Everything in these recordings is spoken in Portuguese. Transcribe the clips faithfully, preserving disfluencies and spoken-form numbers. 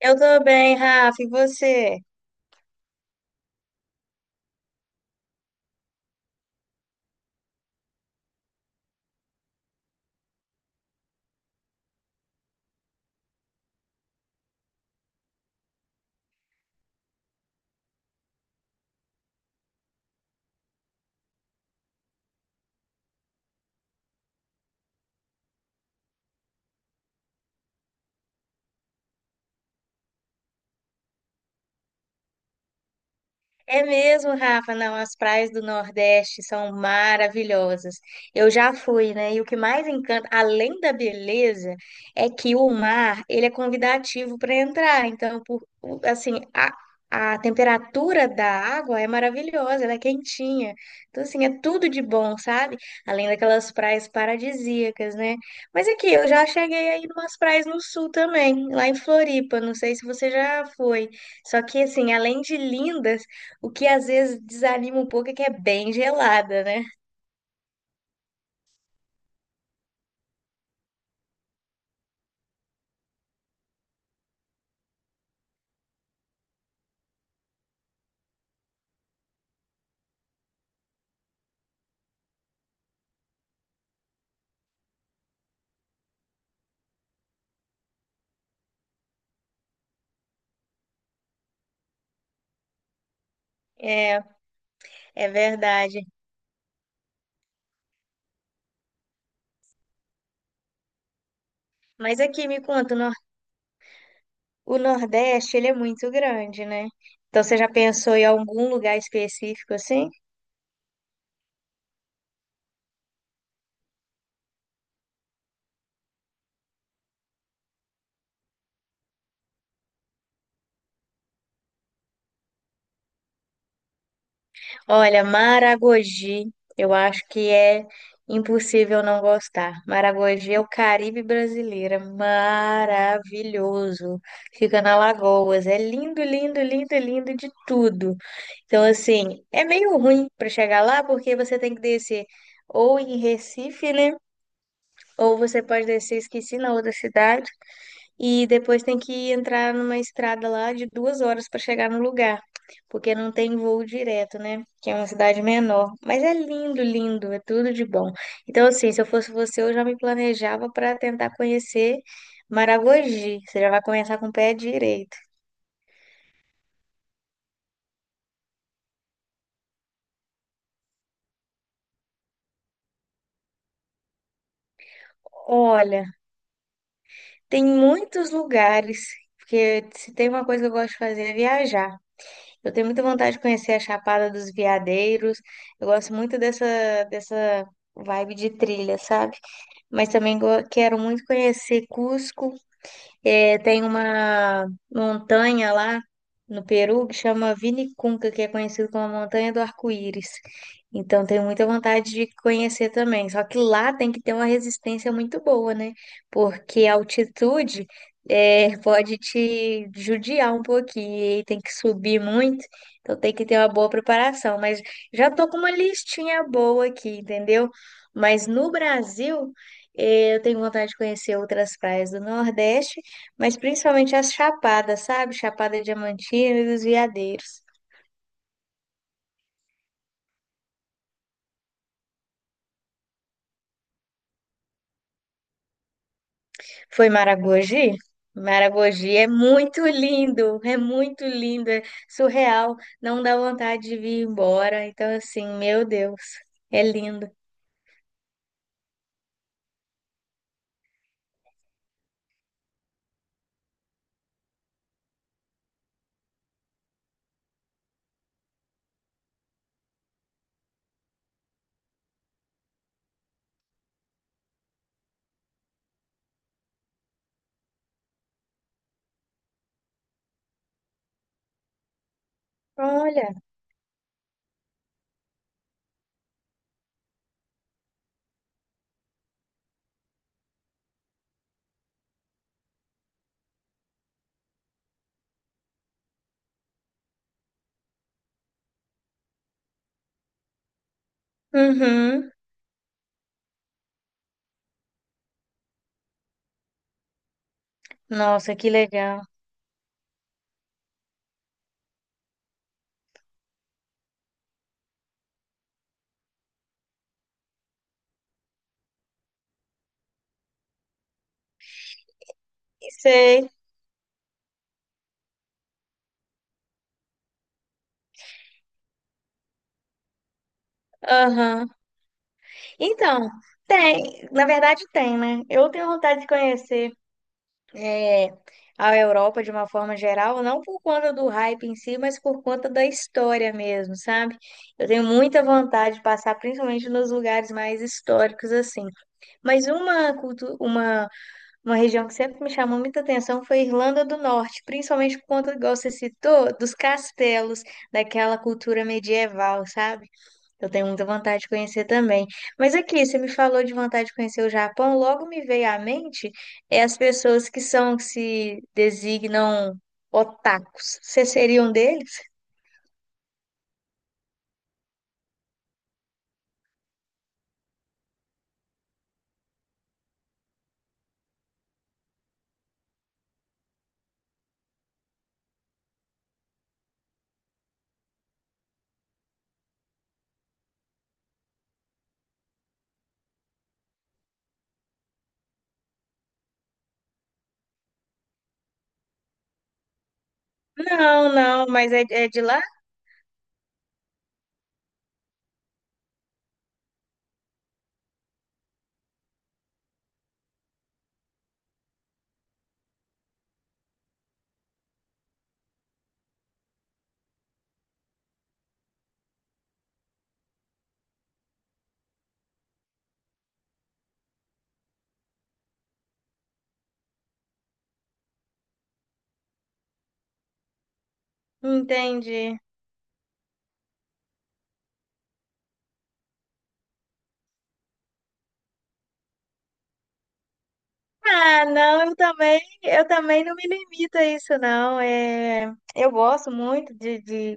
Eu tô bem, Rafa, e você? É mesmo, Rafa. Não, as praias do Nordeste são maravilhosas. Eu já fui, né? E o que mais encanta, além da beleza, é que o mar, ele é convidativo para entrar. Então, por, o- assim, a, a temperatura da água é maravilhosa, ela é quentinha. Então, assim, é tudo de bom, sabe? Além daquelas praias paradisíacas, né? Mas aqui, eu já cheguei aí umas praias no sul também, lá em Floripa. Não sei se você já foi. Só que, assim, além de lindas o que às vezes desanima um pouco é que é bem gelada, né? É, é verdade. Mas aqui me conta, o Nor- o Nordeste, ele é muito grande, né? Então você já pensou em algum lugar específico assim? Olha, Maragogi, eu acho que é impossível não gostar. Maragogi é o Caribe brasileiro, é maravilhoso. Fica na Lagoas, é lindo, lindo, lindo, lindo de tudo. Então, assim, é meio ruim para chegar lá porque você tem que descer ou em Recife, né? Ou você pode descer, esqueci, na outra cidade. E depois tem que entrar numa estrada lá de duas horas para chegar no lugar, porque não tem voo direto, né? Que é uma cidade menor. Mas é lindo, lindo, é tudo de bom. Então, assim, se eu fosse você, eu já me planejava para tentar conhecer Maragogi. Você já vai começar com o pé direito. Olha. Tem muitos lugares, porque se tem uma coisa que eu gosto de fazer é viajar. Eu tenho muita vontade de conhecer a Chapada dos Veadeiros. Eu gosto muito dessa, dessa vibe de trilha, sabe? Mas também go- quero muito conhecer Cusco. É, tem uma montanha lá no Peru que chama Vinicunca, que é conhecido como a Montanha do Arco-Íris. Então, tenho muita vontade de conhecer também. Só que lá tem que ter uma resistência muito boa, né? Porque a altitude é, pode te judiar um pouquinho e tem que subir muito. Então, tem que ter uma boa preparação. Mas já tô com uma listinha boa aqui, entendeu? Mas no Brasil. Eh, Eu tenho vontade de conhecer outras praias do Nordeste. Mas principalmente as chapadas, sabe? Chapada Diamantina e os Veadeiros. Foi Maragogi? Maragogi é muito lindo, é muito lindo, é surreal, não dá vontade de vir embora. Então, assim, meu Deus, é lindo. Olha, uhum. Nossa, que legal. Sei, aham. Então, tem, na verdade tem, né? Eu tenho vontade de conhecer. é, À Europa de uma forma geral, não por conta do hype em si, mas por conta da história mesmo, sabe? Eu tenho muita vontade de passar, principalmente nos lugares mais históricos assim. Mas uma, cultu- uma, uma região que sempre me chamou muita atenção foi a Irlanda do Norte, principalmente por conta, igual você citou, dos castelos, daquela cultura medieval, sabe? Eu tenho muita vontade de conhecer também. Mas aqui, você me falou de vontade de conhecer o Japão, logo me veio à mente é as pessoas que são, que se designam otakus. Você seria um deles? Não, não, mas é, é de lá? Entendi. Ah, não, eu também, eu também não me limito a isso, não. É, eu gosto muito de, de-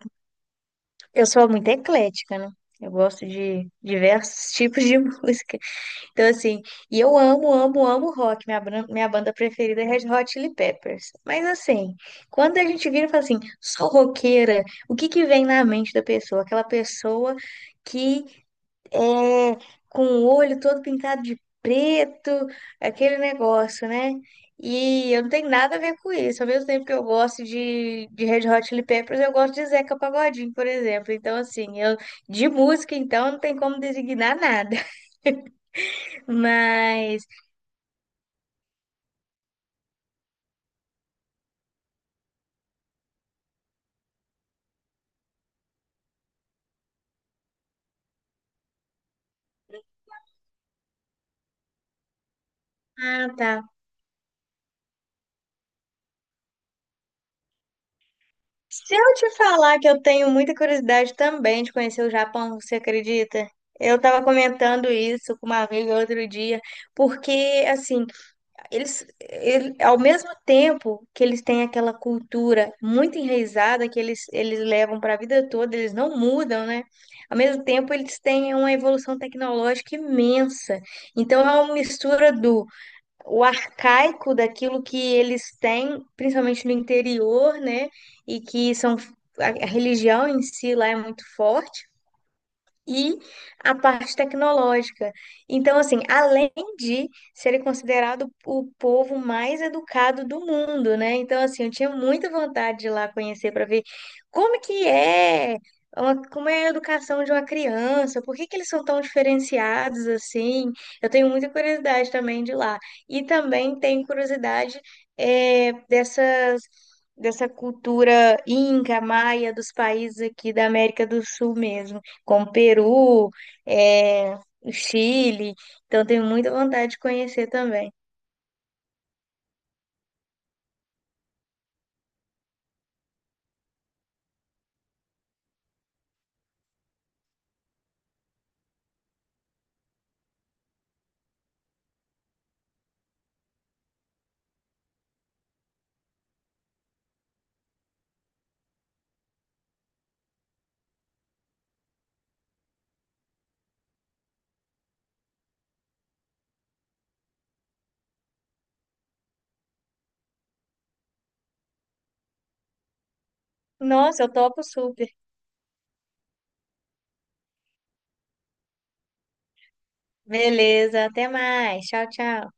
Eu sou muito eclética, né? Eu gosto de diversos tipos de música. Então, assim, e eu amo, amo, amo rock. Minha, bran- minha banda preferida é Red Hot Chili Peppers. Mas, assim, quando a gente vira e fala assim, sou roqueira, o que que vem na mente da pessoa? Aquela pessoa que é com o olho todo pintado de preto, aquele negócio, né? E eu não tenho nada a ver com isso. Ao mesmo tempo que eu gosto de, de Red Hot Chili Peppers, eu gosto de Zeca Pagodinho, por exemplo. Então, assim, eu, de música, então, não tem como designar nada. Mas. Ah, tá. Se eu te falar que eu tenho muita curiosidade também de conhecer o Japão, você acredita? Eu estava comentando isso com uma amiga outro dia, porque assim, eles, ele, ao mesmo tempo que eles têm aquela cultura muito enraizada que eles, eles levam para a vida toda, eles não mudam, né? Ao mesmo tempo, eles têm uma evolução tecnológica imensa. Então, é uma mistura do o arcaico daquilo que eles têm, principalmente no interior, né? E que são a a religião em si lá é muito forte e a parte tecnológica. Então, assim, além de ser considerado o povo mais educado do mundo, né? Então, assim, eu tinha muita vontade de ir lá conhecer para ver como que é, uma- como é a educação de uma criança, por que que eles são tão diferenciados assim. Eu tenho muita curiosidade também de ir lá. E também tenho curiosidade é, dessas dessa cultura inca, maia dos países aqui da América do Sul mesmo como Peru, é, Chile. Então, tenho muita vontade de conhecer também. Nossa, eu topo super. Beleza, até mais. Tchau, tchau.